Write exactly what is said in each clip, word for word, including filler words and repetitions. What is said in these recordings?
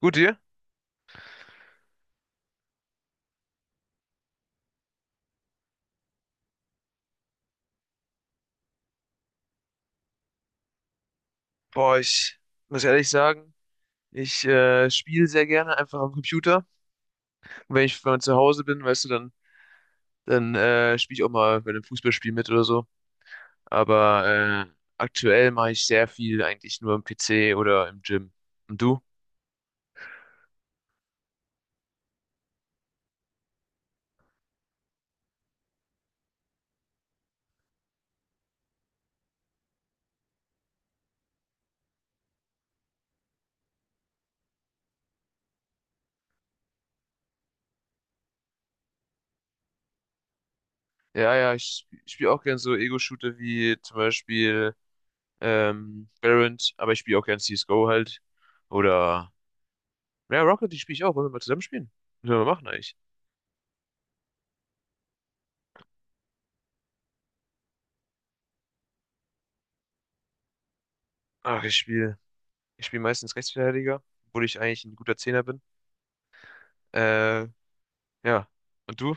Gut, dir? Boah, ich muss ehrlich sagen, ich äh, spiele sehr gerne einfach am Computer. Und wenn ich mal zu Hause bin, weißt du, dann, dann äh, spiele ich auch mal bei einem Fußballspiel mit oder so. Aber äh, aktuell mache ich sehr viel eigentlich nur am P C oder im Gym. Und du? Ja, ja, ich spiele auch gern so Ego-Shooter wie zum Beispiel ähm, Valorant, aber ich spiele auch gern C S G O halt. Oder, ja, Rocket League spiele ich auch. Wollen wir mal zusammen spielen? Was sollen wir machen eigentlich? Ach, ich spiele. Ich spiele meistens Rechtsverteidiger, obwohl ich eigentlich ein guter Zehner bin. Äh, ja. Und du?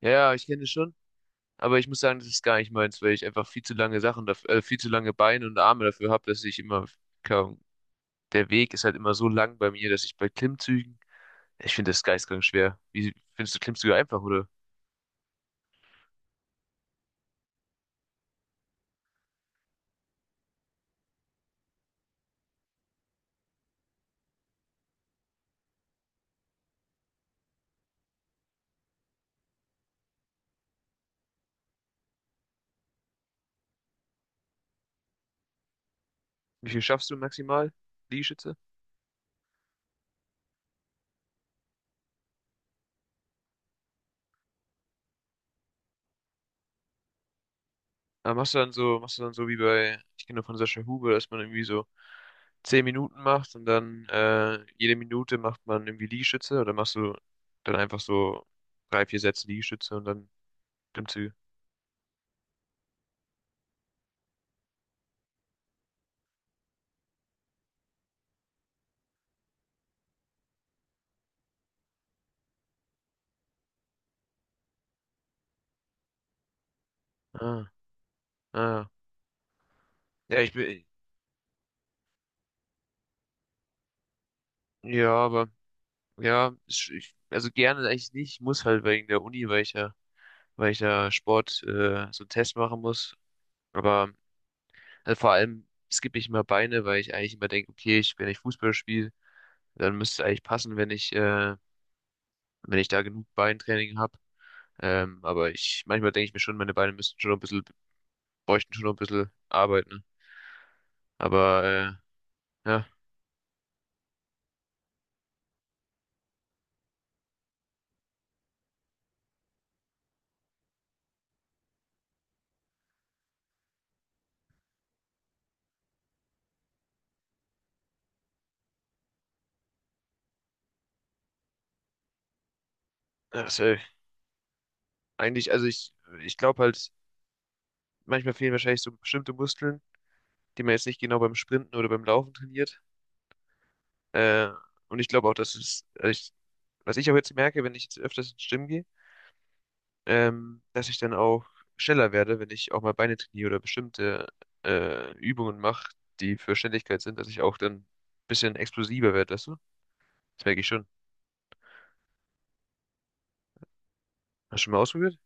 Ja, ja, ich kenne das schon. Aber ich muss sagen, das ist gar nicht meins, weil ich einfach viel zu lange Sachen dafür, äh, viel zu lange Beine und Arme dafür habe, dass ich immer, keine Ahnung, der Weg ist halt immer so lang bei mir, dass ich bei Klimmzügen, ich finde das geisteskrank schwer. Wie findest du Klimmzüge einfach, oder? Wie viel schaffst du maximal, Liegestütze? Aber machst du dann so, machst du dann so wie bei, ich kenne nur von Sascha Huber, dass man irgendwie so zehn Minuten macht und dann äh, jede Minute macht man irgendwie Liegestütze oder machst du dann einfach so drei, vier Sätze Liegestütze und dann Klimmzüge? Ah, ah. Ja, ich bin, ja, aber ja, ich, ich- also gerne eigentlich nicht. Ich muss halt wegen der Uni, weil ich ja, weil ich ja Sport äh, so einen Test machen muss. Aber Also vor allem skippe ich immer Beine, weil ich eigentlich immer denke, okay, ich, wenn ich Fußball spiele, dann müsste es eigentlich passen, wenn ich, äh, wenn ich da genug Beintraining habe. Ähm, aber ich, manchmal denke ich mir schon, meine Beine müssten schon noch ein bisschen, bräuchten schon noch ein bisschen arbeiten. Aber äh, ja, also eigentlich, also ich, ich glaube halt, manchmal fehlen wahrscheinlich so bestimmte Muskeln, die man jetzt nicht genau beim Sprinten oder beim Laufen trainiert. Äh, und ich glaube auch, dass es, also ich, was ich auch jetzt merke, wenn ich jetzt öfters ins Gym gehe, ähm, dass ich dann auch schneller werde, wenn ich auch mal Beine trainiere oder bestimmte äh, Übungen mache, die für Schnelligkeit sind, dass ich auch dann ein bisschen explosiver werde, weißt du? Das merke ich schon. Hast du schon mal ausprobiert?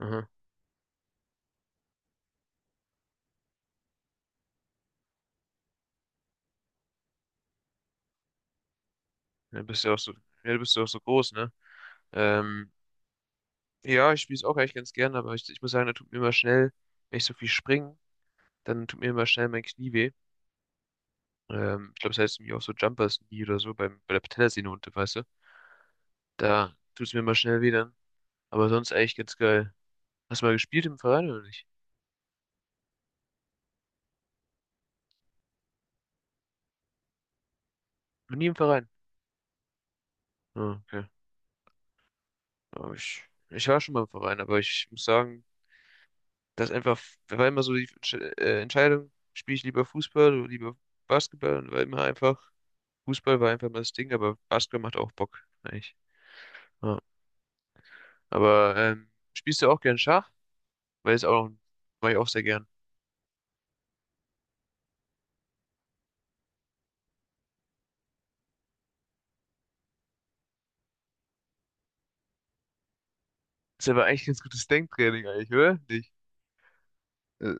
Aha. Ja, bist ja auch so, ja, du bist ja auch so groß, ne? Ähm, ja, ich spiele es auch eigentlich ganz gern, aber ich, ich muss sagen, da tut mir immer schnell, wenn ich so viel springe, dann tut mir immer schnell mein Knie weh. Ähm, ich glaube, es das heißt irgendwie auch so Jumpers Knee oder so beim, bei der Patellasehne unten, weißt du? Da tut es mir immer schnell weh dann. Aber sonst eigentlich ganz geil. Hast du mal gespielt im Verein oder nicht? Noch nie im Verein. Ah, okay. Aber ich, ich war schon mal im Verein, aber ich muss sagen, das einfach, war immer so die Entsch- äh, Entscheidung, spiele ich lieber Fußball oder lieber Basketball, und war immer einfach, Fußball war einfach mal das Ding, aber Basketball macht auch Bock, eigentlich. Ja. Aber ähm, spielst du auch gern Schach? Weil es auch, mache ich auch sehr gern. Ist aber eigentlich ein ganz gutes Denktraining eigentlich, oder? Nicht? Äh,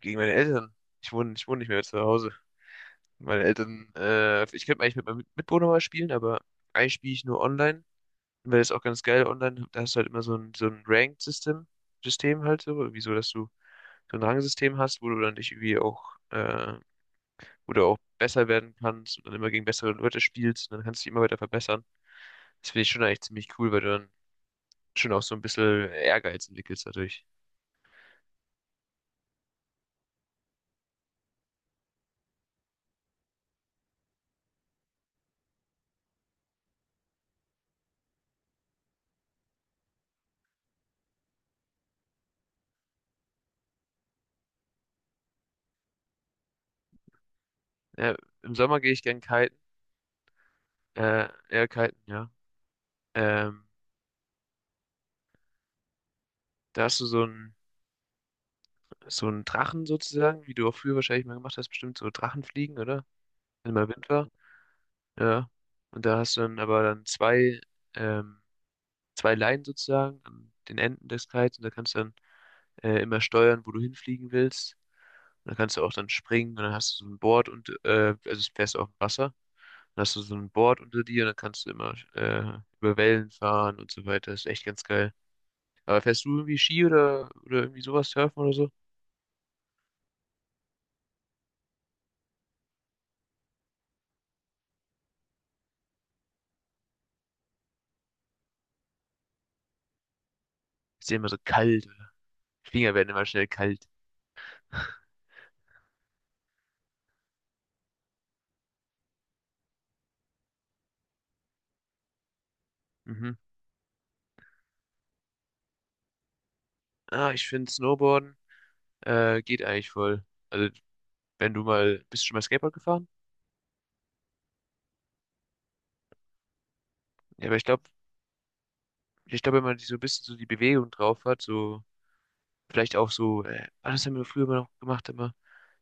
Gegen meine Eltern. Ich wohne, ich wohne nicht mehr zu Hause. Meine Eltern, äh, ich könnte eigentlich mit meinem Mitbewohner mal spielen, aber eigentlich spiele ich nur online, weil das ist auch ganz geil online. Da hast du halt immer so ein, so ein Ranked-System, System halt so, irgendwie so, dass du so ein Rangsystem hast, wo du dann dich irgendwie auch, äh, wo du auch besser werden kannst und dann immer gegen bessere Leute spielst und dann kannst du dich immer weiter verbessern. Das finde ich schon eigentlich ziemlich cool, weil du dann schon auch so ein bisschen Ehrgeiz entwickelst dadurch. Ja, im Sommer gehe ich gern kiten, äh, eher kiten, ja. Ähm, Da hast du so ein so einen Drachen sozusagen, wie du auch früher wahrscheinlich mal gemacht hast, bestimmt so Drachenfliegen oder? Wenn mal Wind war. Ja. Und da hast du dann aber dann zwei, ähm, zwei Leinen sozusagen an den Enden des Kites und da kannst du dann äh, immer steuern, wo du hinfliegen willst. Und dann kannst du auch dann springen und dann hast du so ein Board und äh, also es fährst auf dem Wasser. Dann hast du so ein Board unter dir und dann kannst du immer äh, über Wellen fahren und so weiter. Das ist echt ganz geil. Aber fährst du irgendwie Ski oder, oder irgendwie sowas, Surfen oder so? Ist dir immer so kalt. Finger werden immer schnell kalt. Mhm. Ah, ich finde Snowboarden äh, geht eigentlich voll. Also, wenn du mal, bist du schon mal Skateboard gefahren? Ja, aber ich glaube, ich glaube, wenn man die so ein bisschen so die Bewegung drauf hat, so vielleicht auch so, äh, ah, das haben wir früher immer noch gemacht, immer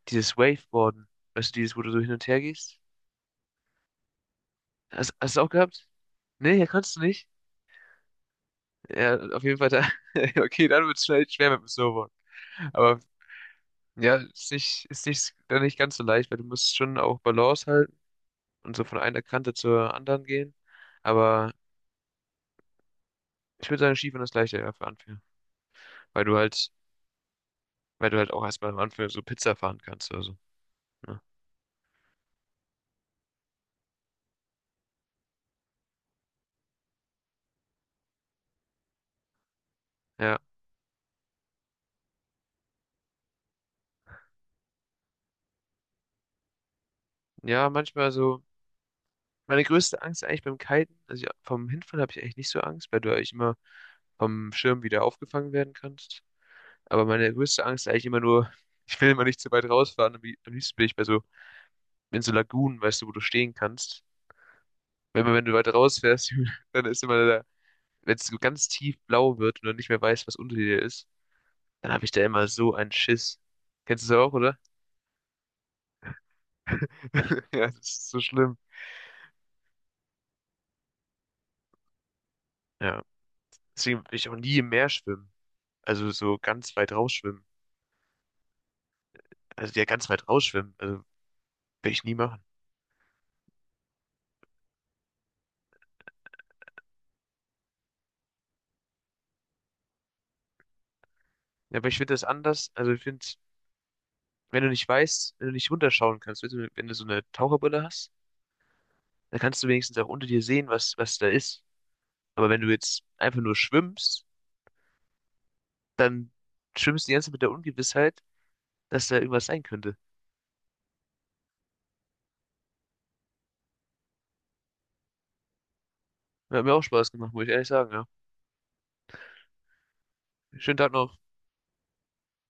dieses Waveboarden. Weißt du, dieses, wo du so hin und her gehst? Hast, hast du auch gehabt? Nee, ja, kannst du nicht. Ja, auf jeden Fall da. Okay, dann wird es schnell schwer mit dem Snowboard. Aber ja, ist nicht, ist nicht, dann nicht ganz so leicht, weil du musst schon auch Balance halten und so von einer Kante zur anderen gehen. Aber ich würde sagen, Skifahren ist leichter, ja, für Anfänger. Weil du halt, weil du halt auch erstmal am Anfang so Pizza fahren kannst oder so. Ne? Ja. Ja, manchmal so. Meine größte Angst eigentlich beim Kiten, also ich, vom Hinfall habe ich eigentlich nicht so Angst, weil du eigentlich immer vom Schirm wieder aufgefangen werden kannst. Aber meine größte Angst ist eigentlich immer nur, ich will immer nicht zu weit rausfahren. Am lie- am liebsten bin ich bei so, in so Lagunen, weißt du, wo du stehen kannst. Wenn, wenn du weit rausfährst, dann ist immer wenn es so ganz tief blau wird und du nicht mehr weißt, was unter dir ist, dann habe ich da immer so einen Schiss. Kennst du das auch, oder? Ja, das ist so schlimm. Ja, deswegen will ich auch nie im Meer schwimmen. Also so ganz weit rausschwimmen. Also ja, ganz weit rausschwimmen. Also will ich nie machen. Ja, aber ich finde das anders. Also ich finde, wenn du nicht weißt, wenn du nicht runterschauen kannst, weißt du, wenn du so eine Taucherbrille hast, dann kannst du wenigstens auch unter dir sehen, was, was da ist. Aber wenn du jetzt einfach nur schwimmst, dann schwimmst du die ganze Zeit mit der Ungewissheit, dass da irgendwas sein könnte. Hat mir auch Spaß gemacht, muss ich ehrlich sagen, ja. Schönen Tag noch.